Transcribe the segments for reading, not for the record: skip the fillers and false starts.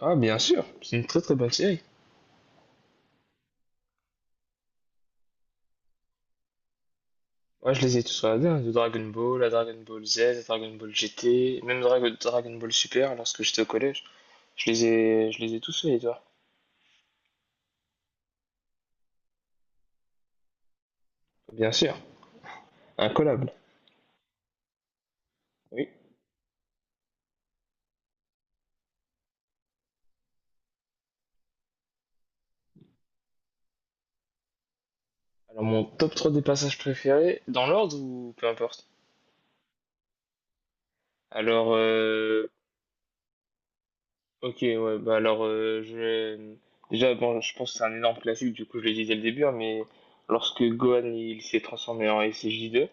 Ah, bien sûr, c'est une très très bonne série. Ouais, je les ai tous regardés, hein, de Dragon Ball à Dragon Ball Z, à Dragon Ball GT, même Dragon Ball Super lorsque j'étais au collège. Je les ai tous faits, toi. Bien sûr, incollable. Oui. Alors, mon top 3 des passages préférés, dans l'ordre ou peu importe? Alors, ok, ouais, bah alors, Déjà, bon, je pense que c'est un énorme classique, du coup, je l'ai dit dès le début, hein, mais lorsque Gohan il s'est transformé en S J deux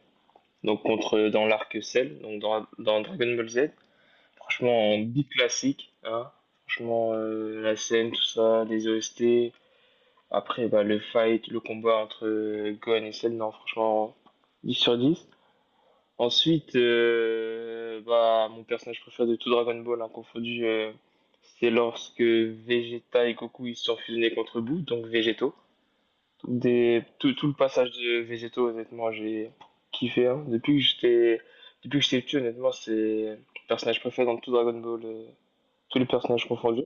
donc contre dans l'arc Cell, donc dans Dragon Ball Z. Franchement, en beat classique, hein. Franchement, la scène, tout ça, les OST. Après, bah, le fight, le combat entre Gohan et Cell, non, franchement, 10 sur 10. Ensuite, bah, mon personnage préféré de tout Dragon Ball, hein, confondu, c'est lorsque Vegeta et Goku ils se sont fusionnés contre Boo, donc Végéto. Des, tout le passage de Végéto, honnêtement, j'ai kiffé, hein. Depuis que j'étais petit, honnêtement, c'est le personnage préféré dans tout Dragon Ball, tous les personnages confondus.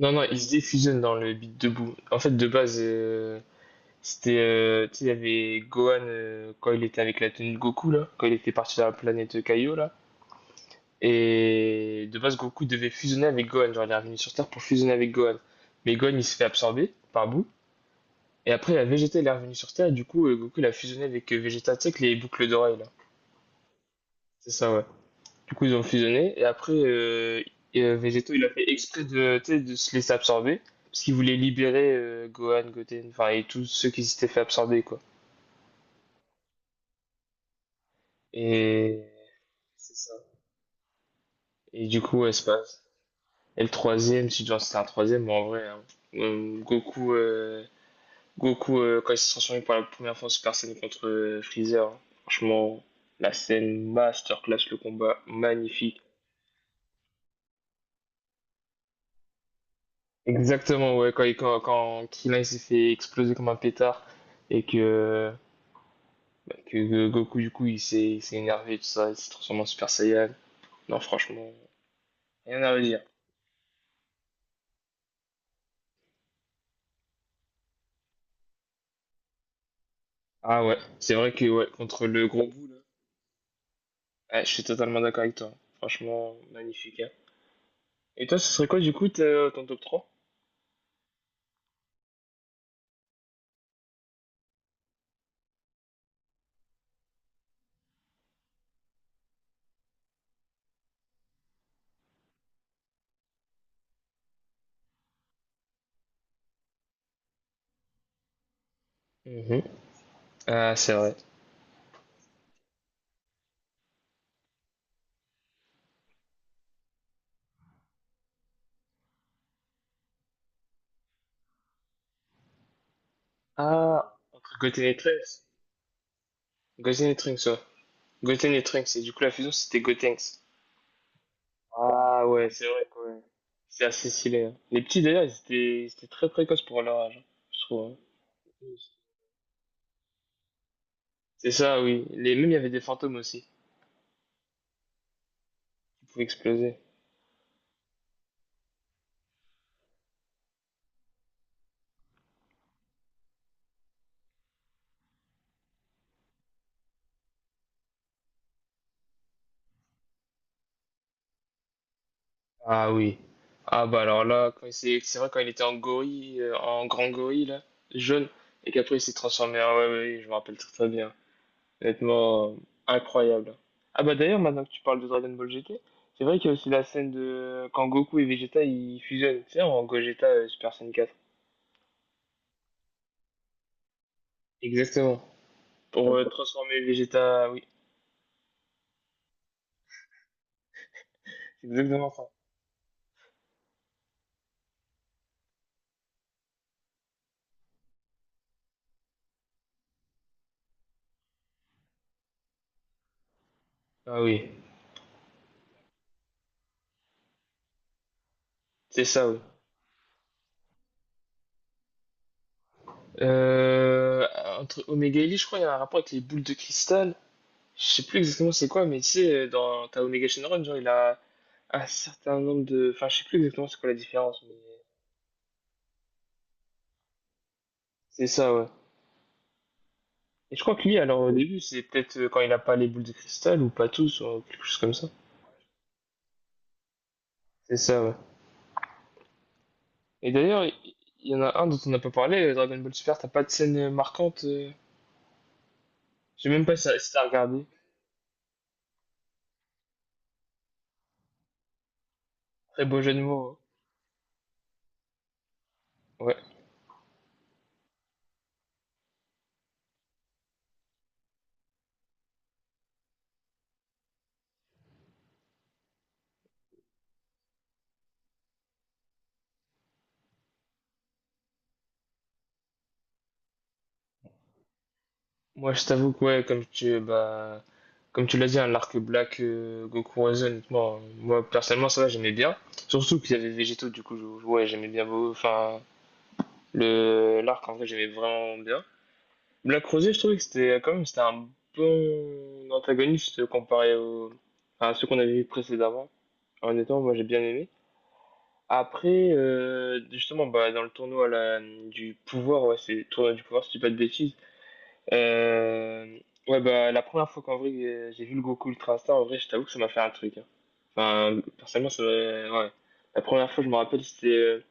Non, non, ils se défusionnent dans le beat debout. En fait, de base, c'était, tu sais, il y avait Gohan quand il était avec la tenue de Goku, là, quand il était parti dans la planète Kaio, là. Et de base, Goku devait fusionner avec Gohan. Genre, il est revenu sur Terre pour fusionner avec Gohan. Mais Gohan, il se fait absorber par bout. Et après, la Vegeta, elle est revenue sur Terre. Et du coup, Goku, il a fusionné avec Vegeta, tu sais, avec les boucles d'oreilles, là. C'est ça, ouais. Du coup, ils ont fusionné. Et après, et, Végéto, il a fait exprès de, tu sais, de se laisser absorber. Parce qu'il voulait libérer Gohan, Goten, enfin, et tous ceux qui s'étaient fait absorber, quoi. Et c'est ça. Et du coup, ouais, c'est pas... Et le troisième, si tu vois, c'était un troisième, mais en vrai, hein, Goku, Goku quand il s'est transformé pour la première fois en Super Saiyan contre Freezer, hein, franchement, la scène masterclass, le combat magnifique. Exactement, ouais, quand Krillin il s'est fait exploser comme un pétard et que, bah, que Goku, du coup, il s'est énervé, tout ça, il s'est transformé en Super Saiyan. Non, franchement, rien à redire. Ah ouais, c'est vrai que, ouais, contre le gros bout, là, ouais, je suis totalement d'accord avec toi. Franchement, magnifique, hein. Et toi, ce serait quoi, du coup, ton top trois. Mhm. Ah, c'est vrai. Ah, entre Goten et Trunks. Goten et Trunks, ouais. Goten et Trunks, et du coup, la fusion, c'était Gotenks. Ah ouais, c'est vrai que ouais. C'est assez stylé, hein. Les petits d'ailleurs, ils étaient très précoces pour leur âge, hein, je trouve, hein. C'est ça, oui. Les mêmes, il y avait des fantômes aussi qui pouvaient exploser. Ah oui. Ah bah alors là, c'est vrai quand il était en gorille, en grand gorille là, jaune, et qu'après il s'est transformé en... Ouais, ouais, ouais, je me rappelle très très bien. Honnêtement, incroyable, hein. Ah bah d'ailleurs, maintenant que tu parles de Dragon Ball GT, c'est vrai qu'il y a aussi la scène de... Quand Goku et Vegeta, ils fusionnent, tu sais, en Gogeta Super Saiyan 4. Exactement. Pour transformer Vegeta, oui. C'est exactement ça. Ah oui, c'est ça, oui. Euh, Entre Omega et Lee, je crois qu'il y a un rapport avec les boules de cristal. Je sais plus exactement c'est quoi, mais tu sais, dans ta Omega Shenron, genre, il a un certain nombre de... Enfin, je sais plus exactement c'est quoi la différence, mais c'est ça, ouais. Et je crois que lui, alors au début, c'est peut-être quand il a pas les boules de cristal, ou pas tous, ou quelque chose comme ça. C'est ça, ouais. Et d'ailleurs, il y en a un dont on n'a pas parlé, Dragon Ball Super, t'as pas de scène marquante, je sais même pas si t'as regardé. Très beau jeu de mots, hein. Ouais, moi je t'avoue que ouais, comme tu l'as dit, hein, l'arc Black Goku Horizon, honnêtement, moi personnellement ça va, j'aimais bien. Surtout qu'il y avait Végéto, du coup, ouais, j'aimais bien beau enfin le l'arc en vrai, j'aimais vraiment bien. Black Rosé, je trouvais que c'était quand même c'était un bon antagoniste comparé au, à ceux qu'on avait vu précédemment. Honnêtement, moi j'ai bien aimé. Après, justement, bah, dans le tournoi là, du pouvoir, ouais, c'est tournoi du pouvoir, si tu dis pas de bêtises. Euh, ouais, bah, la première fois qu'en vrai j'ai vu le Goku Ultra Star, en vrai, je t'avoue que ça m'a fait un truc, hein. Enfin, personnellement, ouais. La première fois, je me rappelle, c'était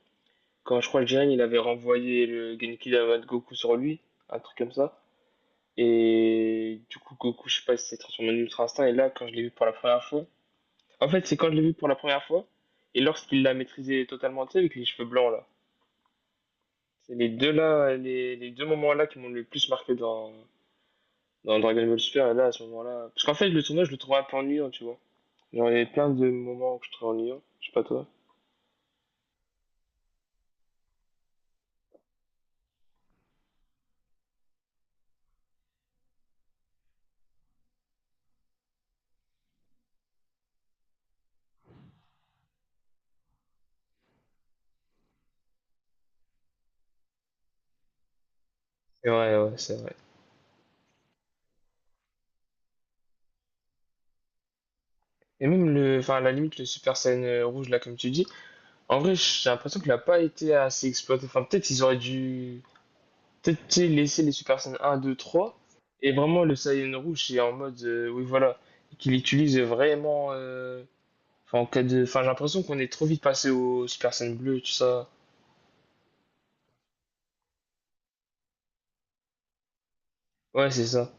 quand je crois que Jiren il avait renvoyé le Genki Dama de Goku sur lui, un truc comme ça. Et du coup, Goku, je sais pas, il s'est transformé en Ultra Instinct. Et là, quand je l'ai vu pour la première fois, en fait, c'est quand je l'ai vu pour la première fois et lorsqu'il l'a maîtrisé totalement, tu sais, avec les cheveux blancs là. C'est les deux là, les deux moments là qui m'ont le plus marqué dans, dans Dragon Ball Super, là, à ce moment-là. Parce qu'en fait, le tournoi, je le trouvais un peu ennuyant, tu vois. Genre, il y avait plein de moments où je trouvais ennuyant. Je sais pas toi. Et ouais, ouais, c'est vrai. Et même le, enfin, à la limite, le Super Saiyan rouge, là, comme tu dis, en vrai, j'ai l'impression qu'il a pas été assez exploité. Enfin, peut-être ils auraient dû, peut-être tu sais, laisser les Super Saiyan un, 2, 3 et vraiment le Saiyan rouge, c'est en mode, oui, voilà, qu'il utilise vraiment, enfin, en cas de, enfin, j'ai l'impression qu'on est trop vite passé au Super Saiyan bleu, tout ça. Ouais, c'est ça.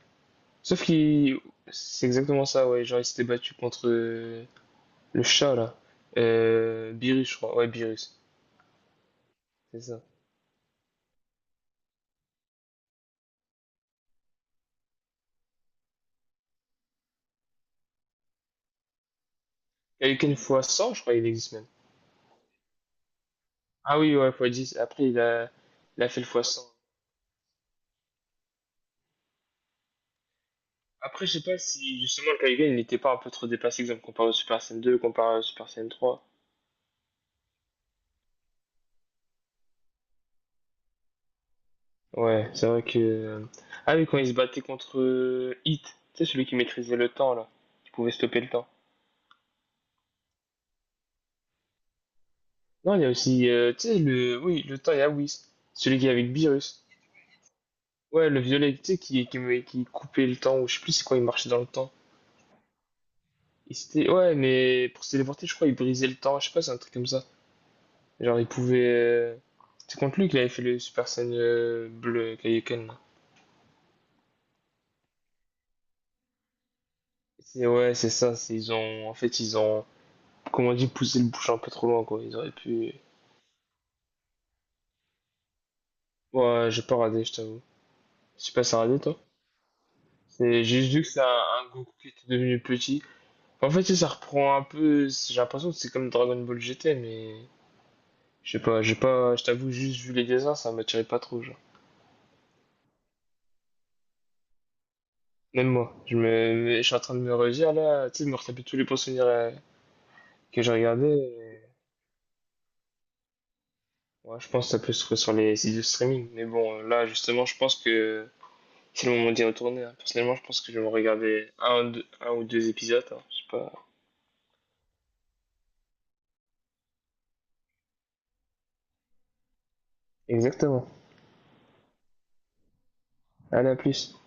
Sauf qu'il. C'est exactement ça, ouais. Genre, il s'était battu contre le chat, là. Beerus, je crois. Ouais, Beerus. C'est ça. Quelqu'un fois cent je crois, il existe même. Ah oui, ouais, fois dix. Après, il a fait le fois cent. Après, je sais pas si justement le Kaigan, il n'était pas un peu trop dépassé, exemple, comparé au Super Saiyan 2, comparé au Super Saiyan trois. Ouais, c'est vrai que, ah oui, quand il se battait contre Hit, tu sais, celui qui maîtrisait le temps, là. Qui pouvait stopper le temps. Non, il y a aussi, tu sais, le. Oui, le temps, il y a Whis. Celui qui est avec Beerus. Ouais, le violet, tu sais, qui coupait le temps, ou je sais plus c'est quoi, il marchait dans le temps. Et c'était, ouais, mais pour se téléporter, je crois, il brisait le temps, je sais pas, c'est un truc comme ça. Genre, il pouvait, c'est contre lui qu'il avait fait le Super Saiyan bleu Kaioken, là. C'est, ouais, c'est ça, c'est, ils ont. En fait, ils ont, comment on dit, poussé le bouchon un peu trop loin, quoi. Ils auraient pu. Ouais, j'ai pas radé, je t'avoue. Je sais pas, ça a radé, toi? C'est j'ai juste vu que c'est un Goku qui était devenu petit. En fait, tu sais, ça reprend un peu. J'ai l'impression que c'est comme Dragon Ball GT, mais. Je sais pas, j'ai pas, je t'avoue, juste vu les dessins, ça m'attirait pas trop, genre. Même moi, je me, je suis en train de me redire là, tu sais, de me retaper tous les bons souvenirs que j'ai regardés. Ouais, je pense que ça peut se trouver sur les sites de streaming. Mais bon, là, justement, je pense que c'est le moment d'y retourner, hein. Personnellement, je pense que je vais me regarder un ou deux épisodes, hein, je sais pas. Exactement. Allez, à plus.